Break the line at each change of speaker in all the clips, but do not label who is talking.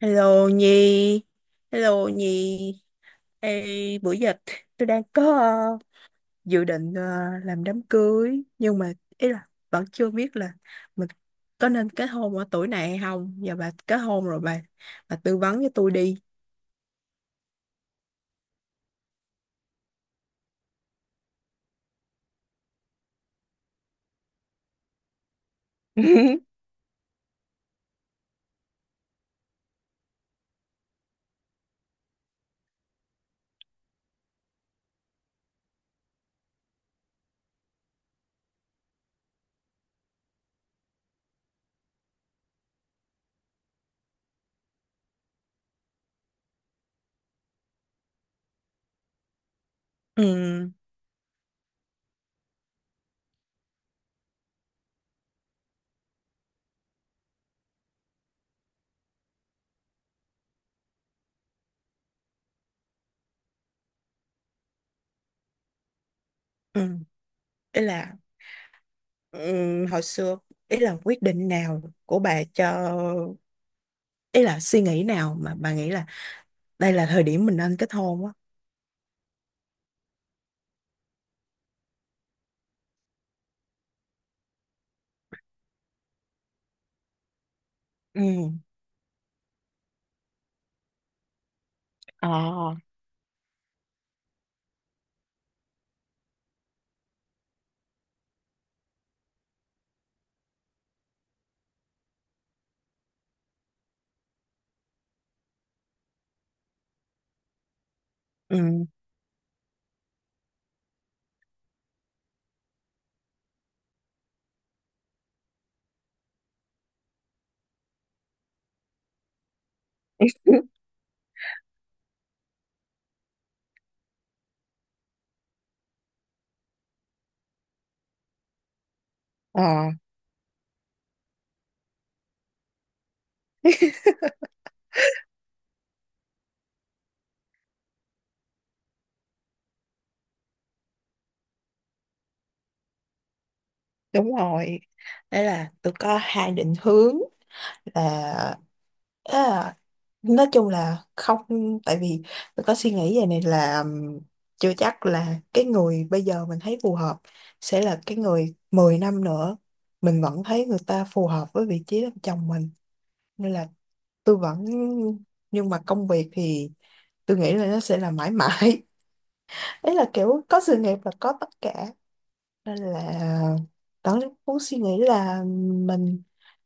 Hello Nhi, hello Nhi. Ê, bữa giờ tôi đang có dự định làm đám cưới, nhưng mà ý là vẫn chưa biết là mình có nên kết hôn ở tuổi này hay không. Giờ bà kết hôn rồi, bà tư vấn cho tôi đi. Ừ, ừ. Ý là ừ, hồi xưa, ý là quyết định nào của bà cho, ý là suy nghĩ nào mà bà nghĩ là đây là thời điểm mình nên kết hôn á. Ừ. Ờ, ừ. Ờ. Đúng rồi, đấy là tôi có hai định hướng là, à, nói chung là không. Tại vì tôi có suy nghĩ về này là, chưa chắc là cái người bây giờ mình thấy phù hợp sẽ là cái người 10 năm nữa mình vẫn thấy người ta phù hợp với vị trí làm chồng mình. Nên là tôi vẫn, nhưng mà công việc thì tôi nghĩ là nó sẽ là mãi mãi. Đấy là kiểu có sự nghiệp là có tất cả. Nên là đó, muốn suy nghĩ là mình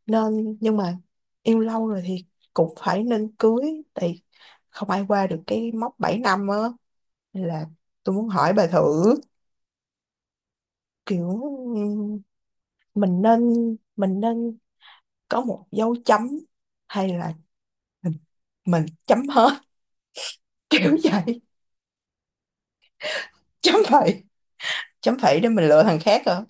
nên, nhưng mà yêu lâu rồi thì cũng phải nên cưới, thì không ai qua được cái mốc 7 năm á. Nên là tôi muốn hỏi bà thử, kiểu ừm, mình nên mình nên có một dấu chấm, hay là mình, mình chấm hết. Kiểu vậy. Chấm phẩy. Chấm phẩy để mình lựa thằng khác hả?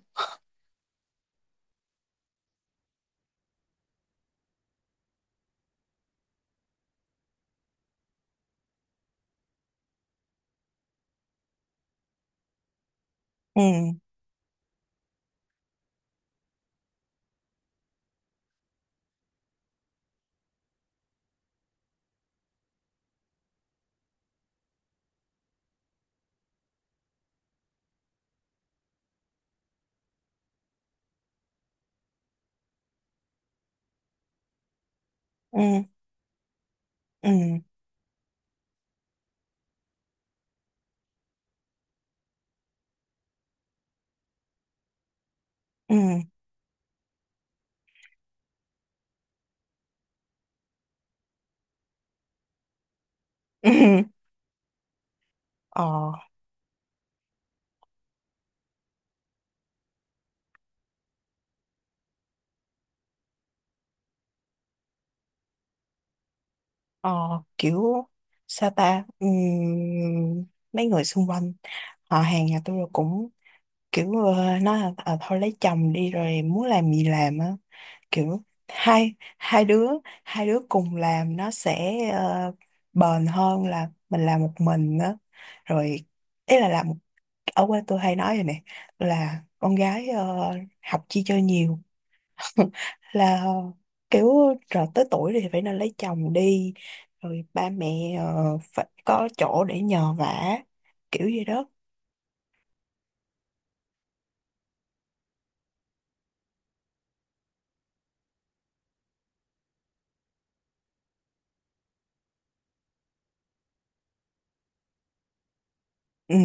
Ừ. Ừ. Ừ. Ừ. Ừ. Ờ. Ờ, kiểu sao ta. Mấy người xung quanh, họ hàng nhà tôi cũng kiểu nói là, "Ờ, thôi lấy chồng đi rồi muốn làm gì làm á." Kiểu hai hai đứa, hai đứa cùng làm nó sẽ bền hơn là mình làm một mình á. Rồi, ý là làm, ở quê tôi hay nói rồi nè, là con gái học chi cho nhiều. Là kiểu rồi tới tuổi thì phải nên lấy chồng đi, rồi ba mẹ phải có chỗ để nhờ vả, kiểu gì đó. Ừ.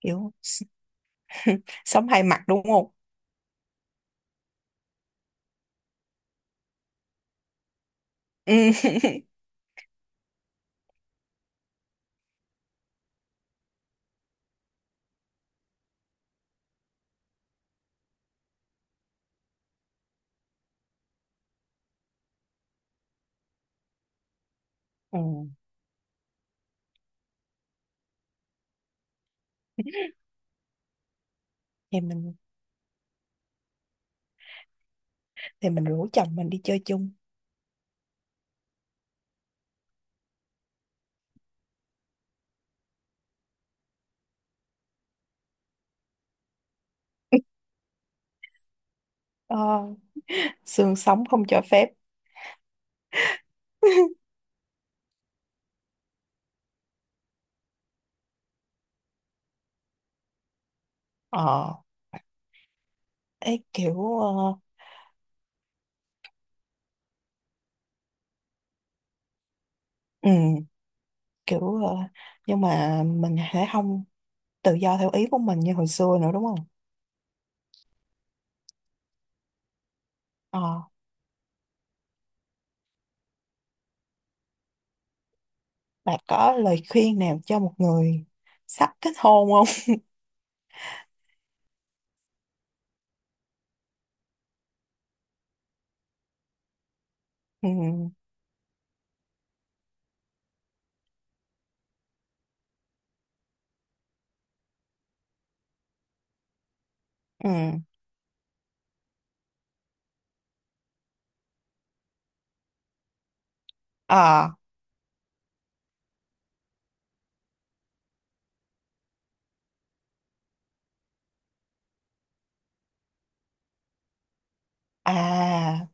Kiểu sống hai mặt, đúng không? Ừ. Ừ. thì mình thì mình rủ chồng mình đi chơi chung. Ờ, xương sống không cho phép. Ờ, ấy kiểu ừ, kiểu nhưng mà mình sẽ không tự do theo ý của mình như hồi xưa nữa, đúng không? ờ Bà có lời khuyên nào cho một người sắp kết hôn không? Ừ. Ừ. À, à,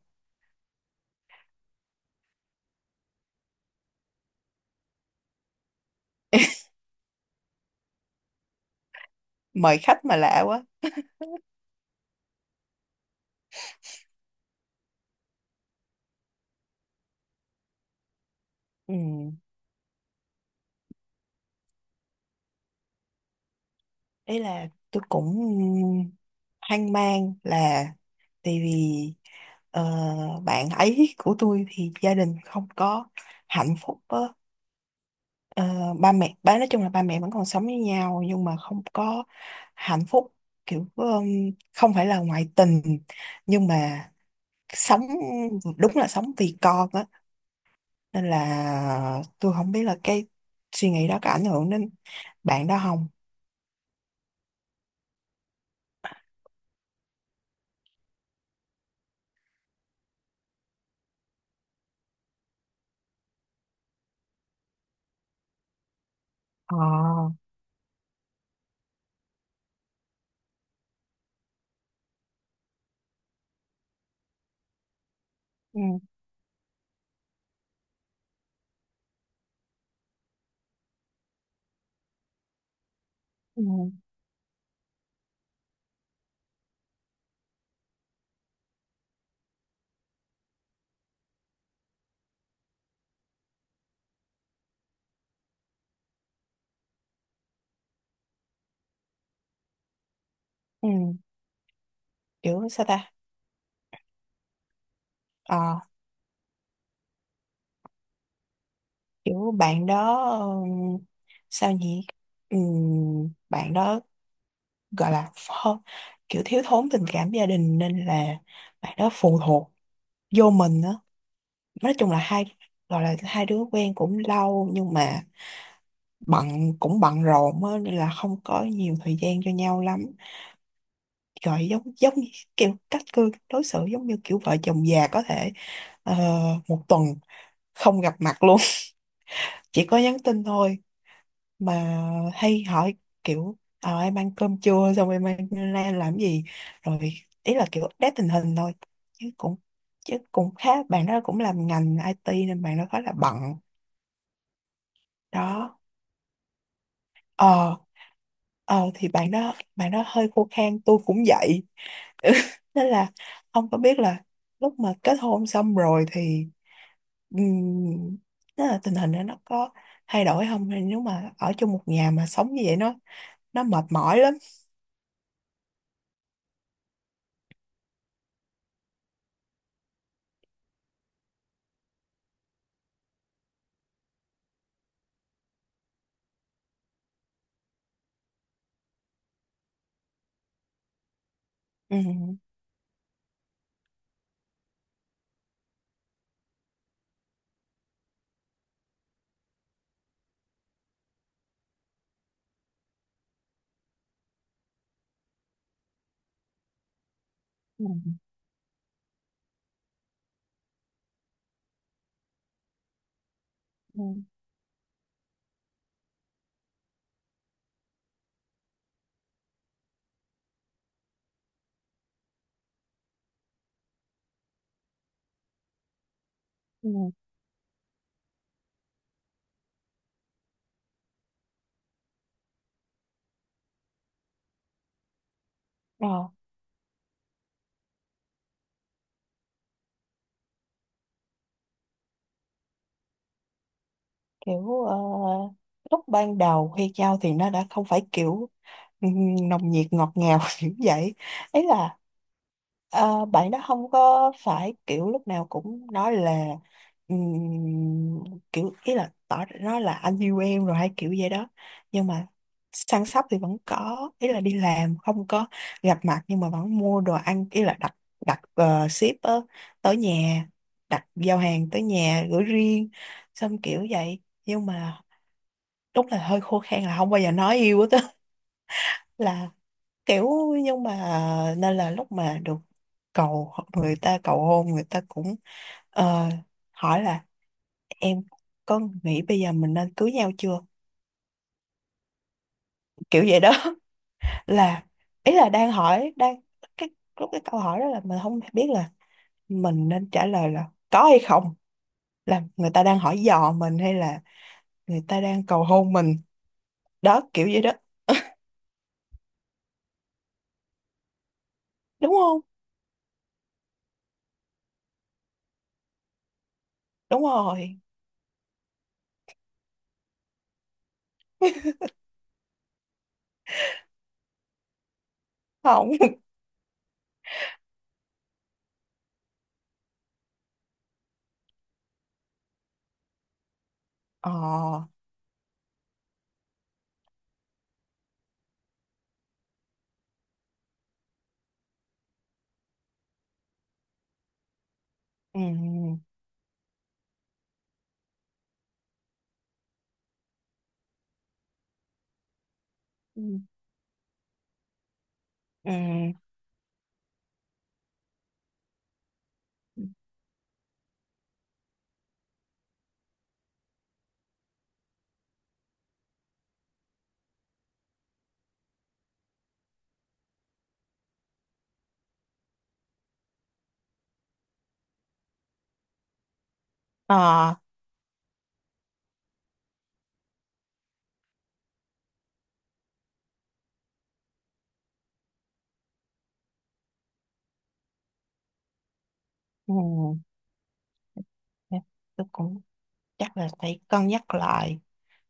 mời khách mà lạ quá. Ừ. Ý là tôi cũng hoang mang, là tại vì ờ, bạn ấy của tôi thì gia đình không có hạnh phúc á. Ờ, ba mẹ, nói chung là ba mẹ vẫn còn sống với nhau nhưng mà không có hạnh phúc, kiểu không phải là ngoại tình, nhưng mà sống, đúng là sống vì con á. Nên là tôi không biết là cái suy nghĩ đó có ảnh hưởng đến bạn đó không. Ờ. Ừ. Ừ. Ừ. Kiểu sao ta. ờ Kiểu bạn đó ừm, sao nhỉ. Bạn đó gọi là kiểu thiếu thốn tình cảm gia đình, nên là bạn đó phụ thuộc vô mình á. Nói chung là gọi là hai đứa quen cũng lâu, nhưng mà bận, cũng bận rộn á, nên là không có nhiều thời gian cho nhau lắm. Gọi giống, giống như kiểu cách cư đối xử giống như kiểu vợ chồng già, có thể ờ, một tuần không gặp mặt luôn. Chỉ có nhắn tin thôi mà, hay hỏi kiểu em ăn cơm chưa, xong em ăn ra làm gì, rồi ý là kiểu update tình hình thôi, chứ cũng chứ cũng khá, bạn đó cũng làm ngành IT nên bạn đó khá là bận. Đó. ờ thì bạn đó, bạn đó hơi khô khan, tôi cũng vậy. Nên là ông có biết là lúc mà kết hôn xong rồi thì um, là tình hình đó nó có thay đổi không? Hay nếu mà ở chung một nhà mà sống như vậy nó mệt mỏi lắm. Ừ. Ừ. Ừ. Ừ. Ờ, kiểu lúc ban đầu khi giao thì nó đã không phải kiểu, Ừ, nồng nhiệt ngọt ngào. Kiểu vậy, ấy là bạn đó không có phải kiểu lúc nào cũng nói là kiểu ý là tỏ, nó là anh yêu em rồi hay kiểu vậy đó. Nhưng mà săn sóc thì vẫn có, ý là đi làm không có gặp mặt nhưng mà vẫn mua đồ ăn, ý là đặt, đặt ship á, tới nhà, đặt giao hàng tới nhà gửi riêng, xong kiểu vậy. Nhưng mà đúng là hơi khô khan, là không bao giờ nói yêu hết á, là kiểu, nhưng mà nên là lúc mà được người ta cầu hôn, người ta cũng ờ, hỏi là, "Em có nghĩ bây giờ mình nên cưới nhau chưa?" Kiểu vậy đó. Là ý là đang hỏi, đang cái, lúc cái câu hỏi đó là mình không biết là mình nên trả lời là có hay không, là người ta đang hỏi dò mình hay là người ta đang cầu hôn mình. Đó kiểu vậy đó. Đúng không? Đúng rồi. Không. Ờ. Ừ. Ừ. Ừ. Ờ. Ừ. Dạ, tôi cũng chắc là phải cân nhắc lại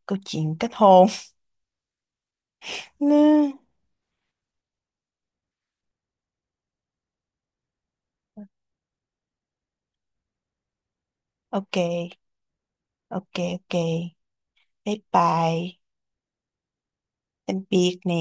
câu chuyện kết hôn. Nè. Ok, ok, ok. Bye bye. Tạm biệt nè.